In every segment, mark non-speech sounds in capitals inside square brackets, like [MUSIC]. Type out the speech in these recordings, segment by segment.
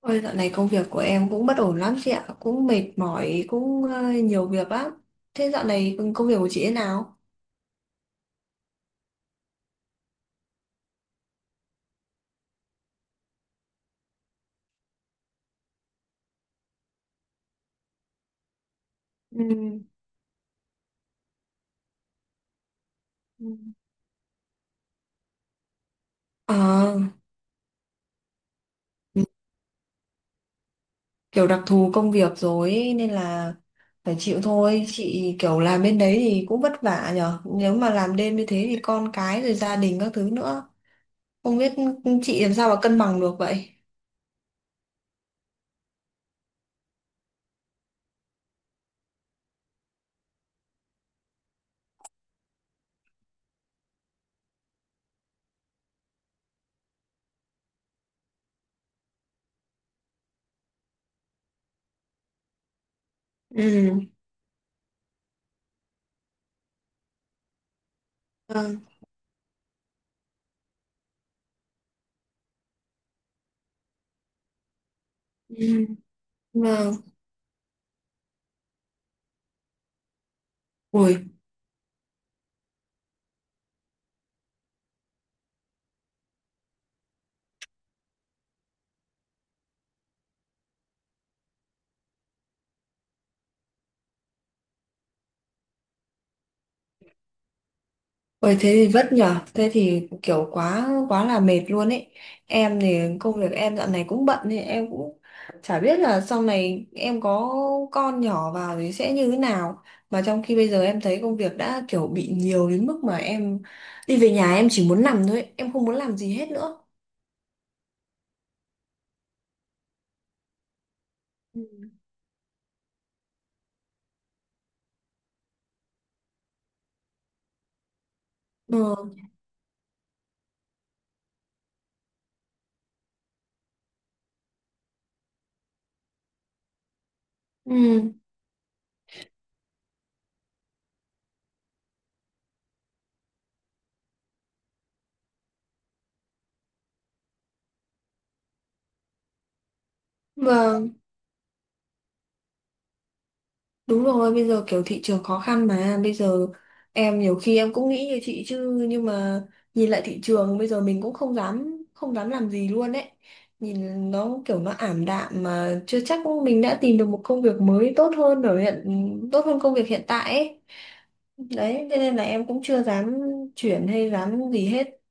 Ôi, dạo này công việc của em cũng bất ổn lắm chị ạ, cũng mệt mỏi, cũng nhiều việc lắm. Thế dạo này công việc của chị thế nào? Ừ. Ừ. Ờ, Kiểu đặc thù công việc rồi ấy, nên là phải chịu thôi. Chị kiểu làm bên đấy thì cũng vất vả nhở. Nếu mà làm đêm như thế thì con cái rồi gia đình các thứ nữa. Không biết chị làm sao mà cân bằng được vậy. Ừ. Vâng. Ừ. Vâng. Ui. Ôi, thế thì vất nhở. Thế thì kiểu quá quá là mệt luôn ấy. Em thì công việc em dạo này cũng bận thì em cũng chả biết là sau này em có con nhỏ vào thì sẽ như thế nào. Mà trong khi bây giờ em thấy công việc đã kiểu bị nhiều đến mức mà em đi về nhà em chỉ muốn nằm thôi ấy. Em không muốn làm gì hết nữa. Ừ. Ừ. Ừ. Vâng. Đúng rồi, bây giờ kiểu thị trường khó khăn mà bây giờ em nhiều khi em cũng nghĩ như chị chứ nhưng mà nhìn lại thị trường bây giờ mình cũng không dám làm gì luôn đấy. Nhìn nó kiểu nó ảm đạm mà chưa chắc mình đã tìm được một công việc mới tốt hơn công việc hiện tại ấy. Đấy, thế nên là em cũng chưa dám chuyển hay dám gì hết.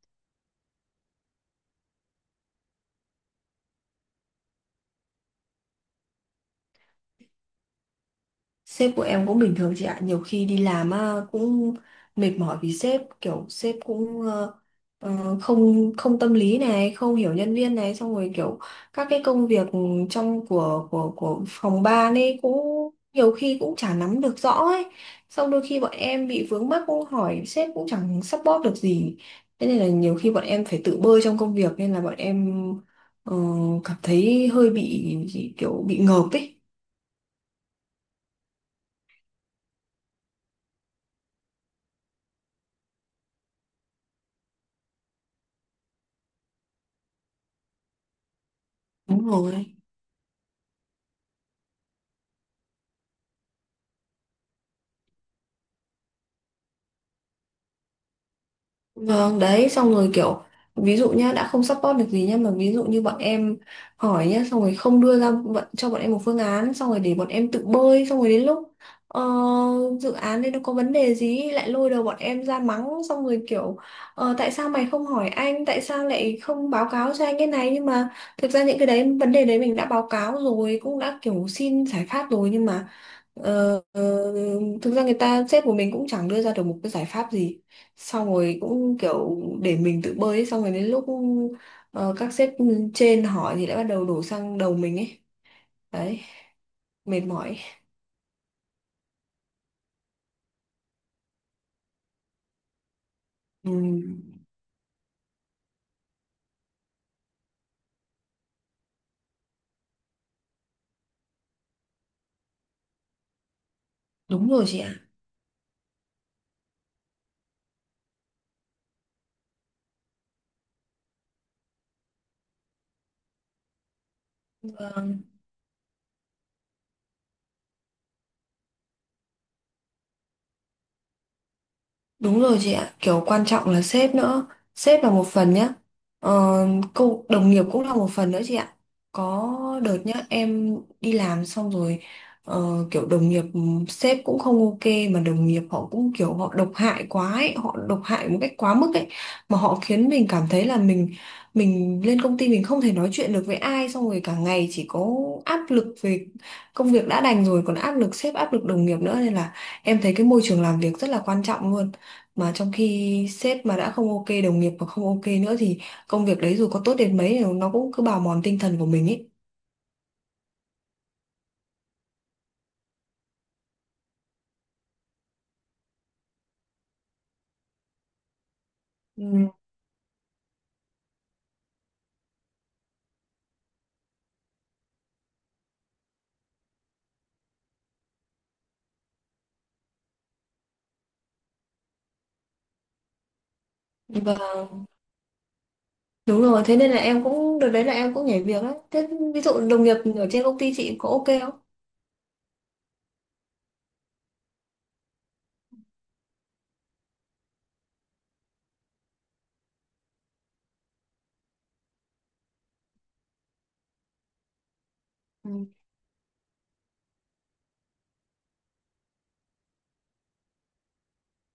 Sếp của em cũng bình thường chị ạ, nhiều khi đi làm á, cũng mệt mỏi vì sếp, kiểu sếp cũng không không tâm lý này, không hiểu nhân viên này, xong rồi kiểu các cái công việc trong của phòng ban ấy cũng nhiều khi cũng chả nắm được rõ ấy. Xong đôi khi bọn em bị vướng mắc cũng hỏi sếp cũng chẳng support được gì. Thế nên là nhiều khi bọn em phải tự bơi trong công việc nên là bọn em ờ, cảm thấy hơi bị kiểu bị ngợp ấy. Đúng rồi. Vâng, đấy, xong rồi kiểu ví dụ nhá, đã không support được gì nhá mà ví dụ như bọn em hỏi nhá, xong rồi không đưa ra cho bọn em một phương án, xong rồi để bọn em tự bơi, xong rồi đến lúc ờ, dự án đấy nó có vấn đề gì ấy, lại lôi đầu bọn em ra mắng, xong rồi kiểu tại sao mày không hỏi anh, tại sao lại không báo cáo cho anh cái này nhưng mà thực ra những cái đấy vấn đề đấy mình đã báo cáo rồi, cũng đã kiểu xin giải pháp rồi nhưng mà Ờ, ờ, thực ra người ta sếp của mình cũng chẳng đưa ra được một cái giải pháp gì xong rồi cũng kiểu để mình tự bơi ấy. Xong rồi đến lúc các sếp trên hỏi thì lại bắt đầu đổ sang đầu mình ấy. Đấy, mệt mỏi. ừ, Đúng rồi chị ạ. Vâng. Đúng rồi chị ạ, kiểu quan trọng là sếp nữa. Sếp là một phần nhá. Ờ, cô đồng nghiệp cũng là một phần nữa chị ạ. Có đợt nhá, em đi làm xong rồi kiểu đồng nghiệp sếp cũng không ok mà đồng nghiệp họ cũng kiểu họ độc hại quá ấy, họ độc hại một cách quá mức ấy mà họ khiến mình cảm thấy là mình lên công ty mình không thể nói chuyện được với ai xong rồi cả ngày chỉ có áp lực về công việc đã đành rồi còn áp lực sếp áp lực đồng nghiệp nữa nên là em thấy cái môi trường làm việc rất là quan trọng luôn mà trong khi sếp mà đã không ok đồng nghiệp mà không ok nữa thì công việc đấy dù có tốt đến mấy thì nó cũng cứ bào mòn tinh thần của mình ấy. Ừ. Và đúng rồi, thế nên là em cũng đợt đấy là em cũng nhảy việc ấy. Thế ví dụ đồng nghiệp ở trên công ty chị có ok không? Ừ.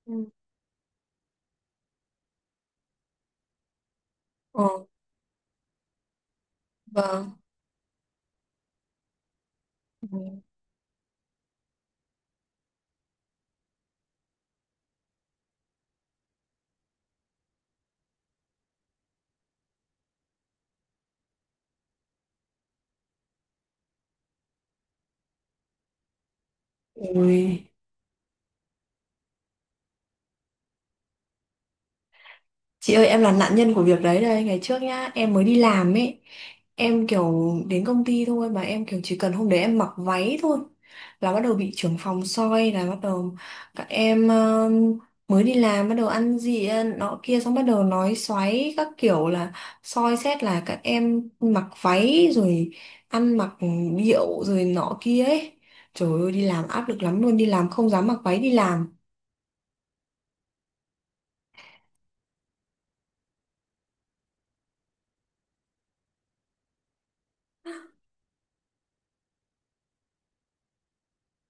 Ừ. Ờ, vâng. Ừ. Ôi. Chị ơi, em là nạn nhân của việc đấy đây. Ngày trước nhá, em mới đi làm ấy. Em kiểu đến công ty thôi. Mà em kiểu chỉ cần hôm đấy em mặc váy thôi là bắt đầu bị trưởng phòng soi. Là bắt đầu các em mới đi làm, bắt đầu ăn gì nọ kia. Xong bắt đầu nói xoáy các kiểu là soi xét là các em mặc váy, rồi ăn mặc điệu, rồi nọ kia ấy. Trời ơi, đi làm áp lực lắm luôn. Đi làm không dám mặc váy đi làm.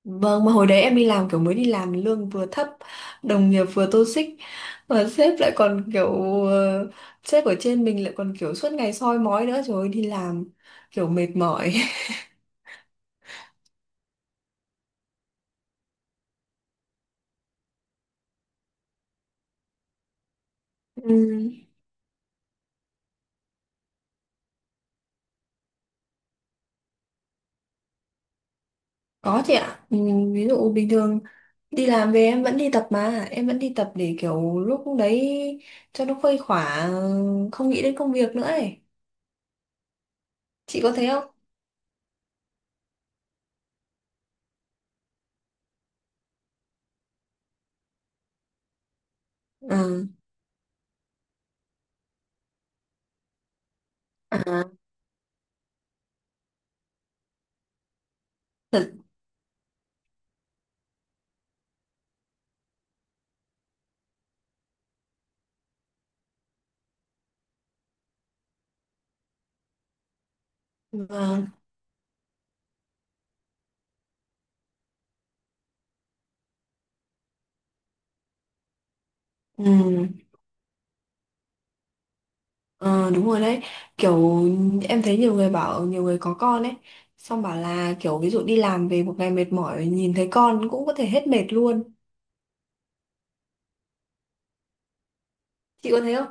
Vâng, mà hồi đấy em đi làm kiểu mới đi làm lương vừa thấp, đồng nghiệp vừa toxic, mà sếp lại còn kiểu ờ, sếp ở trên mình lại còn kiểu suốt ngày soi mói nữa, trời ơi đi làm kiểu mệt mỏi. [LAUGHS] Ừm, Có chị ạ. Ví dụ bình thường đi làm về em vẫn đi tập mà, em vẫn đi tập để kiểu lúc đấy cho nó khuây khỏa, không nghĩ đến công việc nữa ấy. Chị có thế không? Ừ. À, thật, vâng. Ừ. Ờ Đúng rồi đấy, kiểu em thấy nhiều người bảo nhiều người có con ấy xong bảo là kiểu ví dụ đi làm về một ngày mệt mỏi nhìn thấy con cũng có thể hết mệt luôn. Chị có thấy không?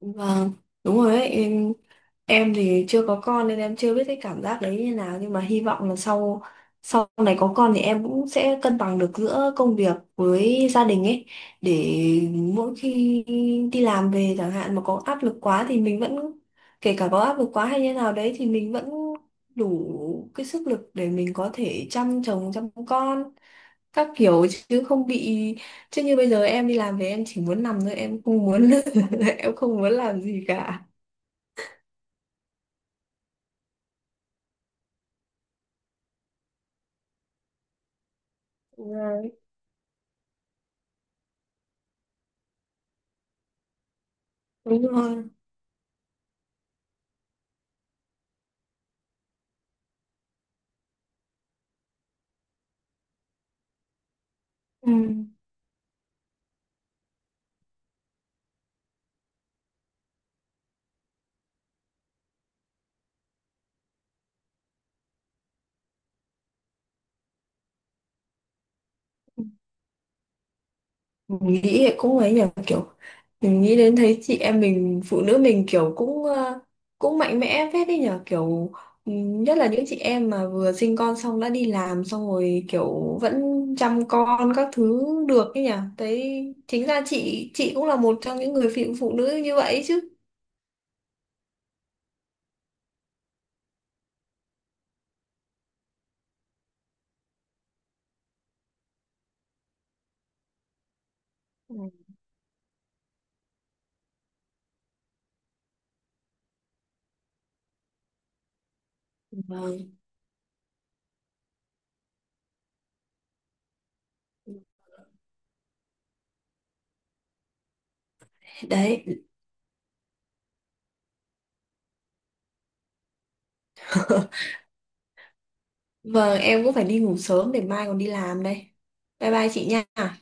Vâng, đúng rồi đấy. Em thì chưa có con nên em chưa biết cái cảm giác đấy như nào nhưng mà hy vọng là sau sau này có con thì em cũng sẽ cân bằng được giữa công việc với gia đình ấy, để mỗi khi đi làm về chẳng hạn mà có áp lực quá thì mình vẫn, kể cả có áp lực quá hay như nào đấy thì mình vẫn đủ cái sức lực để mình có thể chăm chồng chăm con các kiểu, chứ không bị chứ như bây giờ em đi làm về em chỉ muốn nằm thôi, em không muốn, [LAUGHS] em không muốn làm gì cả. Đúng rồi. Đúng rồi. Ừ. Mình nghĩ thì cũng ấy nhỉ, kiểu mình nghĩ đến thấy chị em mình phụ nữ mình kiểu cũng cũng mạnh mẽ phết đấy nhở, kiểu nhất là những chị em mà vừa sinh con xong đã đi làm xong rồi kiểu vẫn chăm con các thứ được ấy nhỉ. Thấy chính ra chị cũng là một trong những người phụ phụ nữ như vậy chứ. Ừ. Vâng, đấy. [LAUGHS] Vâng, em cũng phải đi ngủ sớm để mai còn đi làm đây. Bye bye chị nha.